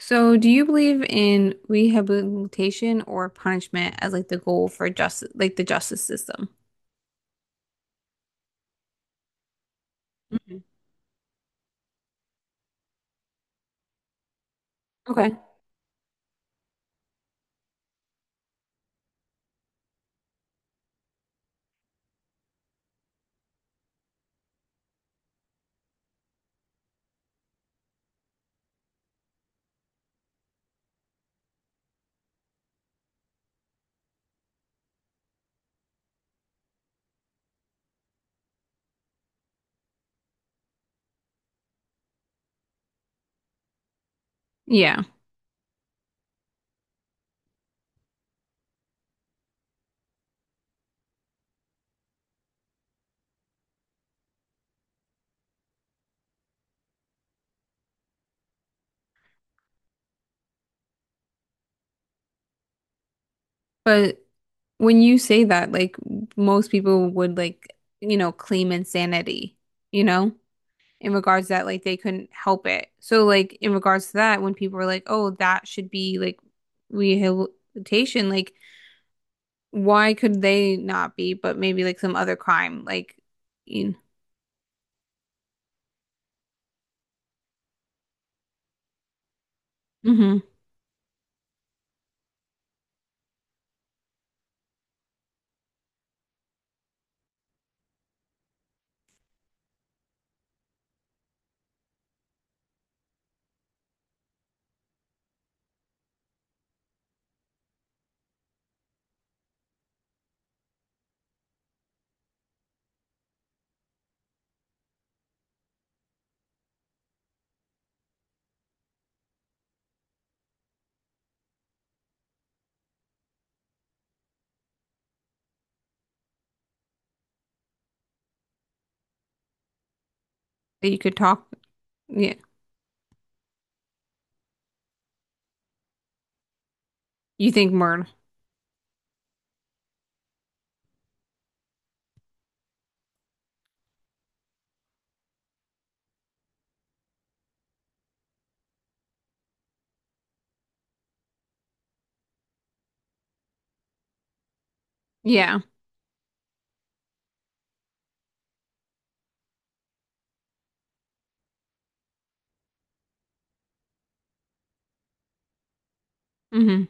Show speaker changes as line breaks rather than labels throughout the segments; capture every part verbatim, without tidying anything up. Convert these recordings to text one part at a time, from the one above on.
So, do you believe in rehabilitation or punishment as like the goal for justice, like the justice system? Mhm. Okay. Yeah. But when you say that, like most people would like, you know, claim insanity, you know, in regards to that like they couldn't help it. So, like in regards to that, when people are like, oh, that should be like rehabilitation, like why could they not be, but maybe like some other crime, like you, Mhm. that you could talk. Yeah. You think Myrtle? Yeah. Hmm.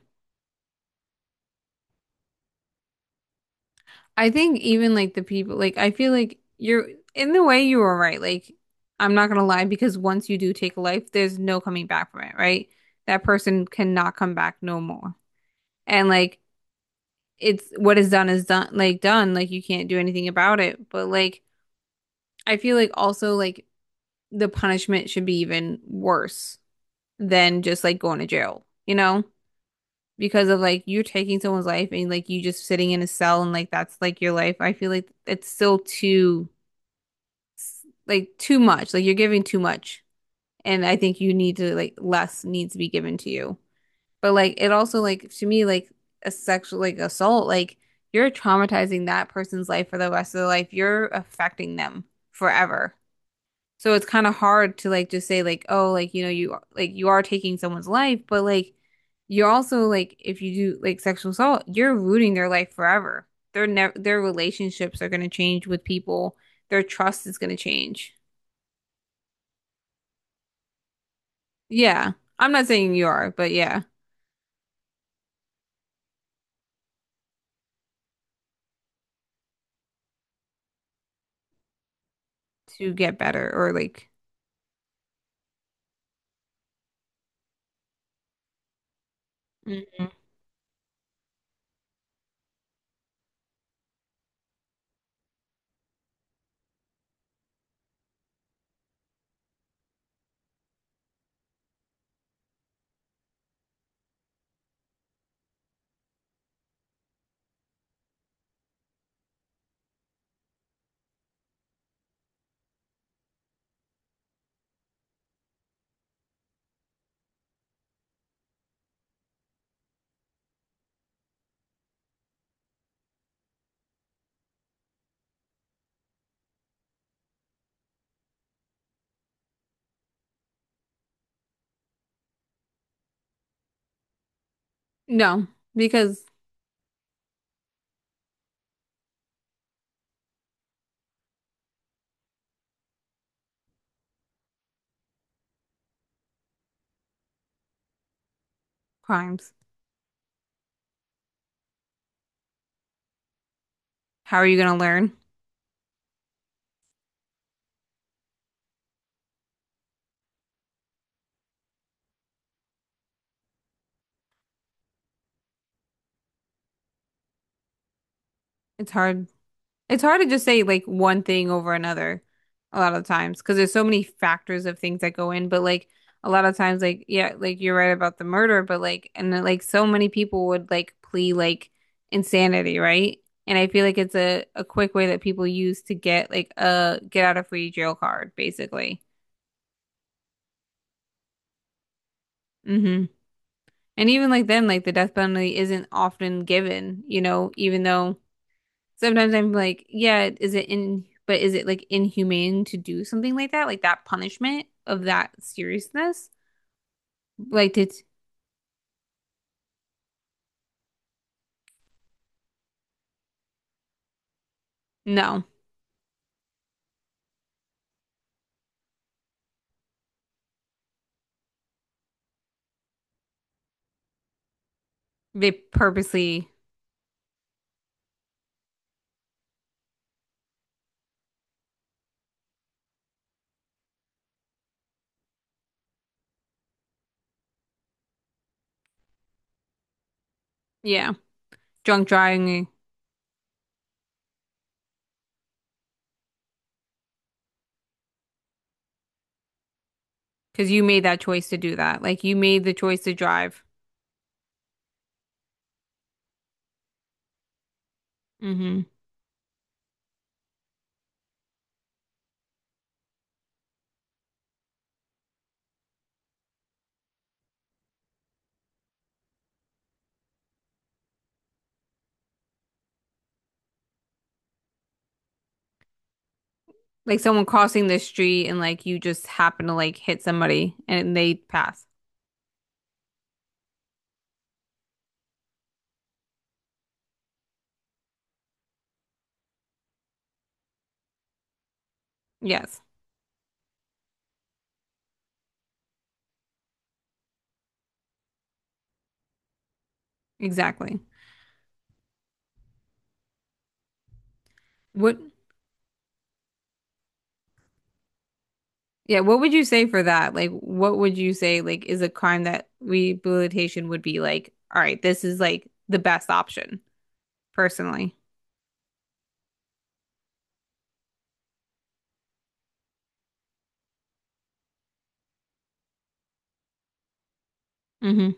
I think even like the people, like I feel like you're in the way you were right. Like I'm not gonna lie because once you do take a life, there's no coming back from it, right? That person cannot come back no more. And like it's what is done is done, like done. Like you can't do anything about it. But like I feel like also like the punishment should be even worse than just like going to jail, you know? Because of like you're taking someone's life and like you just sitting in a cell and like that's like your life. I feel like it's still too like too much. Like you're giving too much. And I think you need to like less needs to be given to you. But like it also like to me like a sexual like assault like you're traumatizing that person's life for the rest of their life. You're affecting them forever. So it's kind of hard to like just say like, oh, like you know, you like you are taking someone's life, but like you're also like if you do like sexual assault, you're ruining their life forever. Their ne their relationships are going to change with people. Their trust is going to change. Yeah. I'm not saying you are, but yeah, to get better or like Mhm. No, because crimes. How are you going to learn? It's hard. It's hard to just say like one thing over another a lot of times because there's so many factors of things that go in. But like a lot of times, like yeah, like you're right about the murder, but like and then, like so many people would like plea like insanity, right? And I feel like it's a a quick way that people use to get like a get out of free jail card, basically. Hmm. And even like then, like the death penalty isn't often given, you know, even though. Sometimes I'm like, yeah, is it in, but is it like inhumane to do something like that? Like that punishment of that seriousness? Like, it's no, they purposely, yeah, drunk driving because you made that choice to do that. Like, you made the choice to drive. Hmm. Like someone crossing the street and like you just happen to like hit somebody and they pass. Yes, exactly. What? Yeah, what would you say for that? Like, what would you say like is a crime that rehabilitation would be like, all right, this is like the best option, personally. Hmm.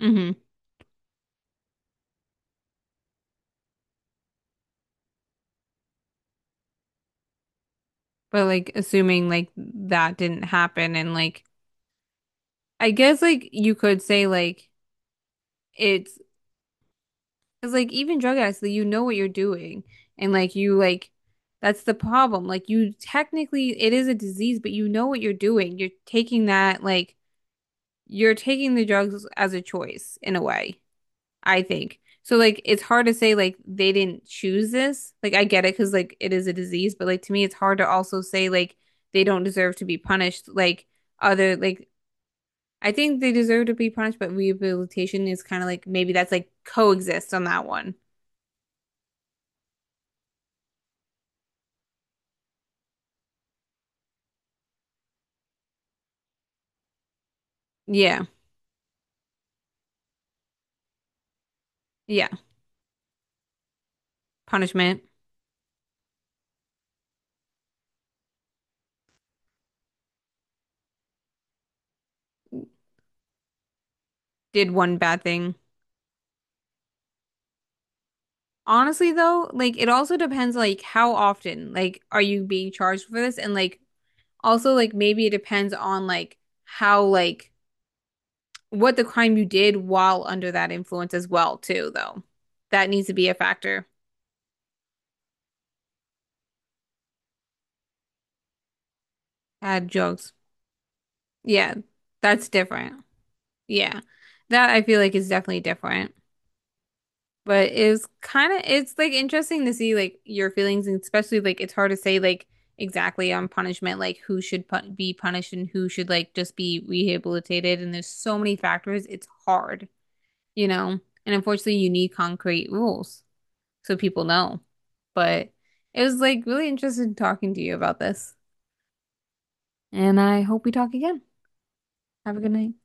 Hmm. But like assuming like that didn't happen and like I guess like you could say like it's because like even drug addicts, like, you know what you're doing and like you like that's the problem. Like you technically it is a disease, but you know what you're doing. You're taking that like you're taking the drugs as a choice in a way. I think. So like it's hard to say like they didn't choose this. Like I get it because like it is a disease, but like to me it's hard to also say like they don't deserve to be punished. Like other like I think they deserve to be punished, but rehabilitation is kind of like maybe that's like coexist on that one. Yeah. Yeah. Punishment did one bad thing. Honestly though, like it also depends like how often like are you being charged for this and like also like maybe it depends on like how like what the crime you did while under that influence as well, too, though. That needs to be a factor. Add drugs. Yeah, that's different. Yeah. That I feel like is definitely different. But it's kind of it's like interesting to see like your feelings and especially like it's hard to say like exactly on punishment like who should pu be punished and who should like just be rehabilitated and there's so many factors. It's hard, you know. And unfortunately, you need concrete rules, so people know. But it was like really interesting talking to you about this. And I hope we talk again. Have a good night.